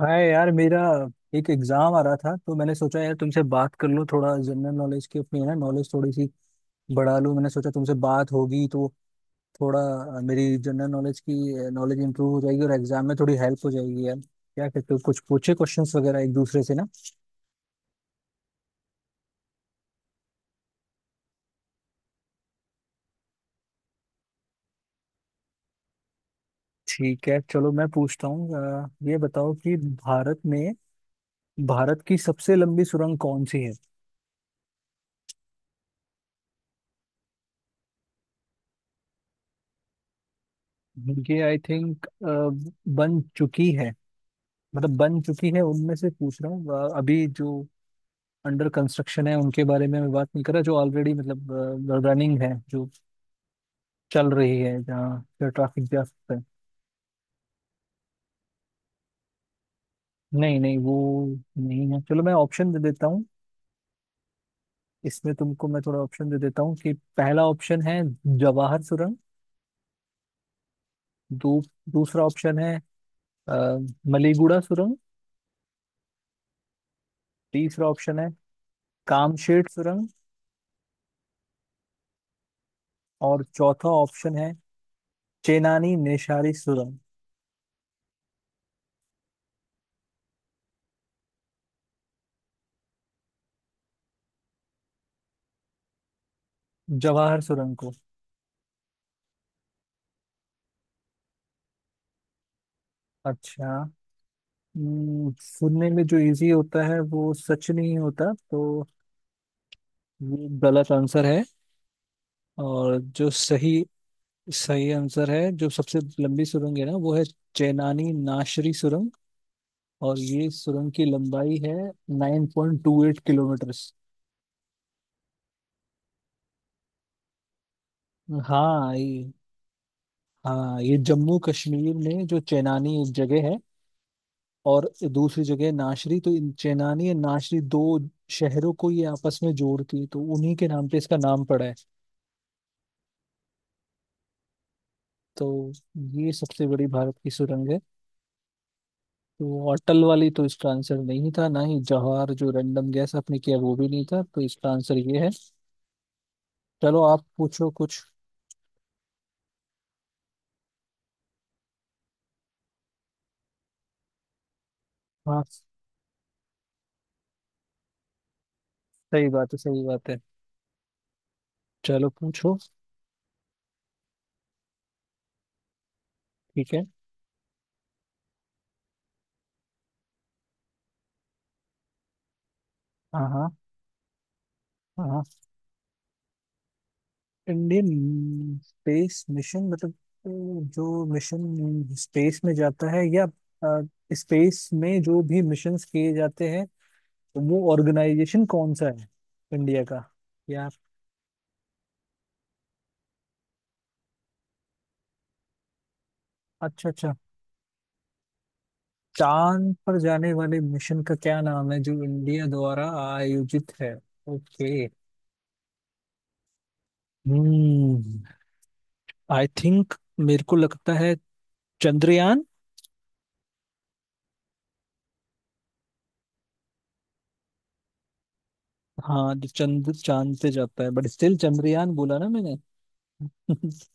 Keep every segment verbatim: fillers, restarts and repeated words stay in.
हाय यार। मेरा एक एग्जाम आ रहा था तो मैंने सोचा यार तुमसे बात कर लूँ, थोड़ा जनरल नॉलेज की अपनी है ना, नॉलेज थोड़ी सी बढ़ा लूँ। मैंने सोचा तुमसे बात होगी तो थोड़ा अ, मेरी जनरल नॉलेज की नॉलेज इंप्रूव हो जाएगी और एग्जाम में थोड़ी हेल्प हो जाएगी यार। क्या कहते हो, कुछ पूछे क्वेश्चंस वगैरह एक दूसरे से ना। ठीक है, चलो मैं पूछता हूँ। अ, ये बताओ कि भारत में भारत की सबसे लंबी सुरंग कौन सी है। ये आई थिंक बन चुकी है, मतलब बन चुकी है उनमें से पूछ रहा हूँ। अ, अभी जो अंडर कंस्ट्रक्शन है उनके बारे में मैं बात नहीं कर रहा, जो ऑलरेडी मतलब रनिंग है, जो चल रही है, जहाँ ट्रैफिक जा सकता है। नहीं नहीं, वो नहीं है। चलो मैं ऑप्शन दे देता हूँ। इसमें तुमको मैं थोड़ा ऑप्शन दे देता हूँ कि पहला ऑप्शन है जवाहर सुरंग। दू, दूसरा ऑप्शन है अ, मलीगुड़ा सुरंग। तीसरा ऑप्शन है कामशेट सुरंग। और चौथा ऑप्शन है चेनानी नेशारी सुरंग। जवाहर सुरंग को? अच्छा। हम्म, सुनने में जो इजी होता है वो सच नहीं होता, तो ये गलत आंसर है। और जो सही सही आंसर है, जो सबसे लंबी सुरंग है ना, वो है चेनानी नाशरी सुरंग। और ये सुरंग की लंबाई है nine point two eight kilometre. हाँ ये, हाँ ये जम्मू कश्मीर में जो चेनानी एक जगह है और दूसरी जगह नाशरी, तो इन चेनानी और नाशरी दो शहरों को ये आपस में जोड़ती है, तो उन्हीं के नाम पे इसका नाम पड़ा है। तो ये सबसे बड़ी भारत की सुरंग है। तो अटल वाली तो इसका आंसर नहीं था, ना ही जवाहर जो रैंडम गैस आपने किया वो भी नहीं था, तो इसका आंसर ये है। चलो आप पूछो कुछ। हाँ। सही बात है, सही बात है। चलो पूछो। ठीक है। हाँ हाँ। हाँ हाँ। इंडियन स्पेस मिशन मतलब अ, जो मिशन स्पेस में जाता है, या अ, स्पेस में जो भी मिशंस किए जाते हैं वो ऑर्गेनाइजेशन कौन सा है इंडिया का? या अच्छा अच्छा, चांद पर जाने वाले मिशन का क्या नाम है जो इंडिया द्वारा आयोजित है। ओके। हम्म। आई थिंक, मेरे को लगता है, चंद्रयान। हाँ जो चंद्र चांद पे जाता है, बट स्टिल चंद्रयान बोला ना मैंने।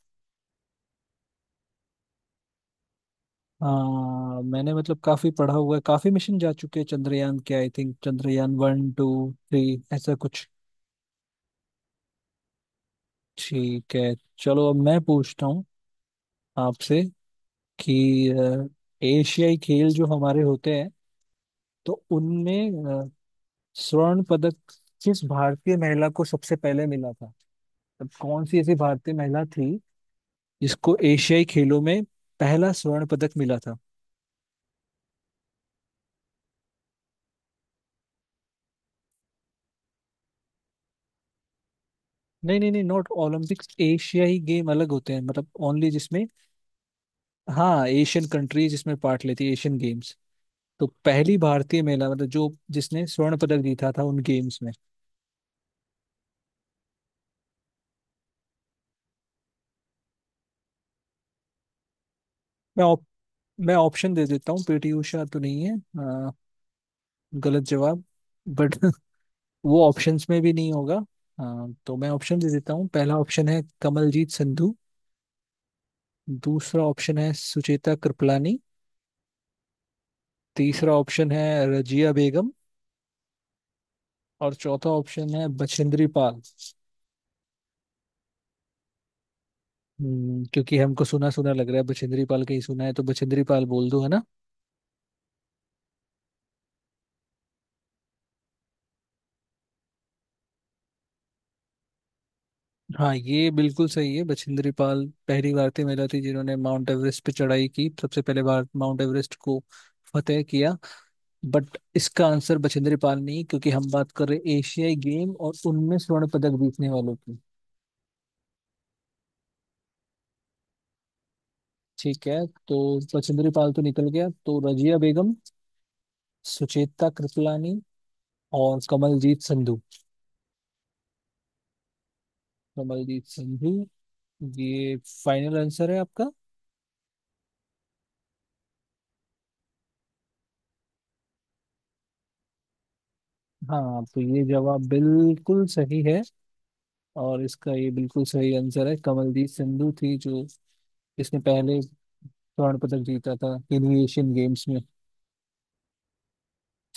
हाँ मैंने मतलब काफी पढ़ा हुआ है, काफी मिशन जा चुके हैं चंद्रयान के। I think Chandrayaan one two three ऐसा कुछ। ठीक है। चलो अब मैं पूछता हूँ आपसे कि अ, एशियाई खेल जो हमारे होते हैं तो उनमें स्वर्ण पदक किस भारतीय महिला को सबसे पहले मिला था। तब कौन सी ऐसी भारतीय महिला थी जिसको एशियाई खेलों में पहला स्वर्ण पदक मिला था। नहीं नहीं नहीं, नॉट ओलंपिक्स। एशियाई गेम अलग होते हैं, मतलब ओनली जिसमें। हाँ एशियन कंट्रीज इसमें पार्ट लेती है, एशियन गेम्स। तो पहली भारतीय महिला मतलब जो, जिसने स्वर्ण पदक जीता था उन गेम्स में। मैं ऑप, मैं ऑप्शन दे देता हूँ। पीटी उषा तो नहीं है। अ, गलत जवाब। बट वो ऑप्शंस में भी नहीं होगा। हाँ, तो मैं ऑप्शन दे देता हूँ। पहला ऑप्शन है कमलजीत संधू। दूसरा ऑप्शन है सुचेता कृपलानी। तीसरा ऑप्शन है रजिया बेगम। और चौथा ऑप्शन है बछेंद्री पाल। हम्म, क्योंकि हमको सुना सुना लग रहा है, बछेंद्री पाल कहीं सुना है, तो बछेंद्री पाल बोल दो, है ना। हाँ ये बिल्कुल सही है, बछेंद्री पाल पहली भारतीय महिला थी जिन्होंने माउंट एवरेस्ट पे चढ़ाई की, सबसे पहले भारत माउंट एवरेस्ट को फतेह किया। बट इसका आंसर बछेंद्री पाल नहीं, क्योंकि हम बात कर रहे हैं एशियाई गेम और उनमें स्वर्ण पदक जीतने वालों की। ठीक है। तो बछेंद्री पाल तो निकल गया, तो रजिया बेगम, सुचेता कृपलानी और कमलजीत संधू। कमलजीत संधू, ये फाइनल आंसर है आपका? हाँ, तो ये जवाब बिल्कुल सही है। और इसका ये बिल्कुल सही आंसर है, कमलजीत संधू थी जो, इसने पहले स्वर्ण पदक जीता था इन एशियन गेम्स में।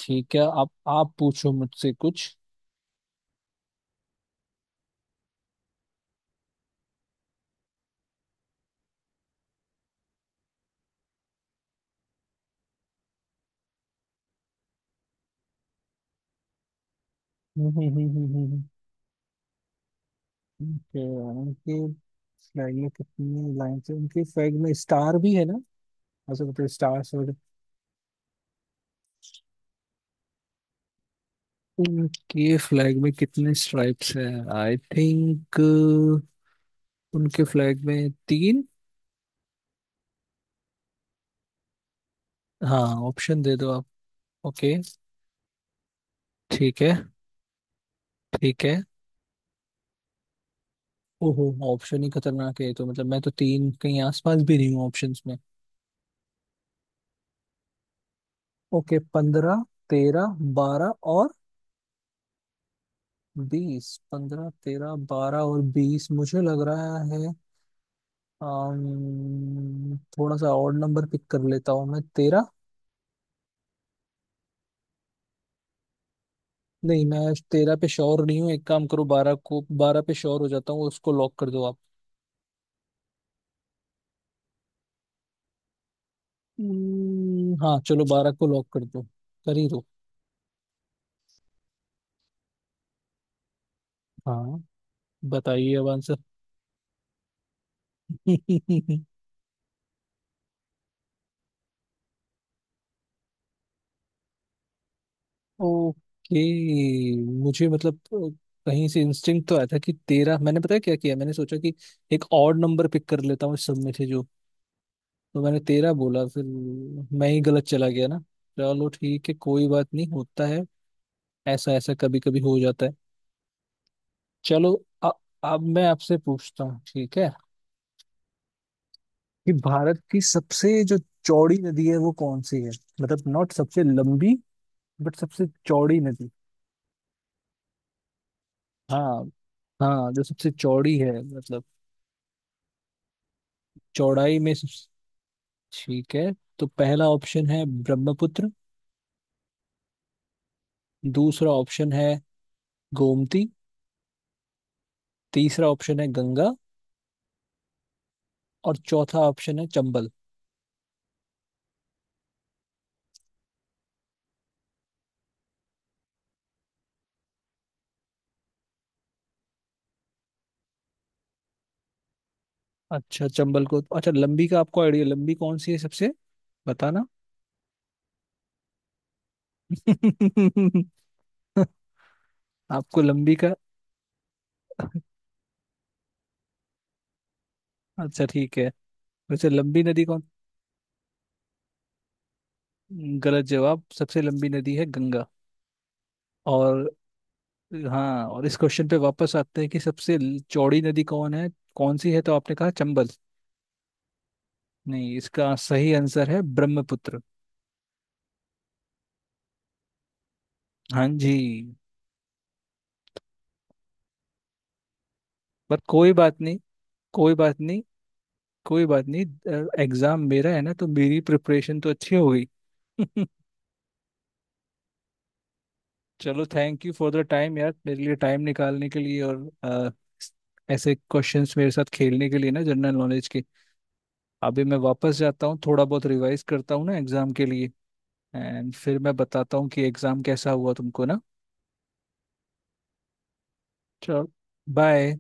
ठीक है, अब आप पूछो मुझसे कुछ। उनके फ्लैग में कितनी लाइन्स है? उनके फ्लैग में स्टार भी है ना, ऐसा, मतलब स्टार्स वगैरह। उनके फ्लैग में कितने स्ट्राइप्स हैं? आई थिंक उनके फ्लैग में तीन। हाँ, ऑप्शन दे दो आप। ओके। ठीक है। ठीक है। ओहो, ऑप्शन ही खतरनाक है, तो मतलब मैं तो तीन कहीं आसपास भी नहीं हूँ ऑप्शंस में। ओके, पंद्रह, तेरह, बारह और बीस। पंद्रह, तेरह, बारह और बीस, मुझे लग रहा है। अम्म, थोड़ा सा और नंबर पिक कर लेता हूँ मैं, तेरह। नहीं, मैं तेरह पे श्योर नहीं हूँ। एक काम करो, बारह को, बारह पे श्योर हो जाता हूँ, उसको लॉक कर दो आप। हम्म, हाँ चलो बारह को लॉक कर दो, कर ही दो। हाँ, बताइए अब आंसर। ओके। मुझे मतलब अ, कहीं से इंस्टिंक्ट तो आया था कि तेरह। मैंने पता है क्या किया, मैंने सोचा कि एक और नंबर पिक कर लेता हूँ इस सब में से जो, तो मैंने तेरह बोला, फिर मैं ही गलत चला गया ना। चलो ठीक है, कोई बात नहीं, होता है ऐसा। ऐसा कभी कभी हो जाता है। चलो अ- अब मैं आपसे पूछता हूँ, ठीक है, कि भारत की सबसे जो चौड़ी नदी है वो कौन सी है, मतलब नॉट सबसे लंबी, बट सबसे चौड़ी नदी। हाँ, हाँ जो सबसे चौड़ी है, मतलब चौड़ाई में सबसे। ठीक है, तो पहला ऑप्शन है ब्रह्मपुत्र। दूसरा ऑप्शन है गोमती। तीसरा ऑप्शन है गंगा। और चौथा ऑप्शन है चंबल। अच्छा, चंबल को? अच्छा, लंबी का आपको आइडिया? लंबी कौन सी है सबसे, बताना। आपको लंबी का? अच्छा ठीक है, वैसे लंबी नदी कौन? गलत जवाब, सबसे लंबी नदी है गंगा। और, हाँ, और इस क्वेश्चन पे वापस आते हैं कि सबसे ल- चौड़ी नदी कौन है, कौन सी है। तो आपने कहा चंबल, नहीं, इसका सही आंसर है ब्रह्मपुत्र। हाँ जी। पर कोई बात नहीं, कोई बात नहीं, कोई बात नहीं। एग्जाम मेरा है ना तो मेरी प्रिपरेशन तो अच्छी हो गई। चलो thank you for the time यार, मेरे लिए टाइम निकालने के लिए, और अ, ऐसे क्वेश्चंस मेरे साथ खेलने के लिए ना, जनरल नॉलेज के। अभी मैं वापस जाता हूँ, थोड़ा बहुत रिवाइज करता हूँ ना एग्जाम के लिए। एंड फिर मैं बताता हूँ कि एग्जाम कैसा हुआ तुमको ना। चलो बाय।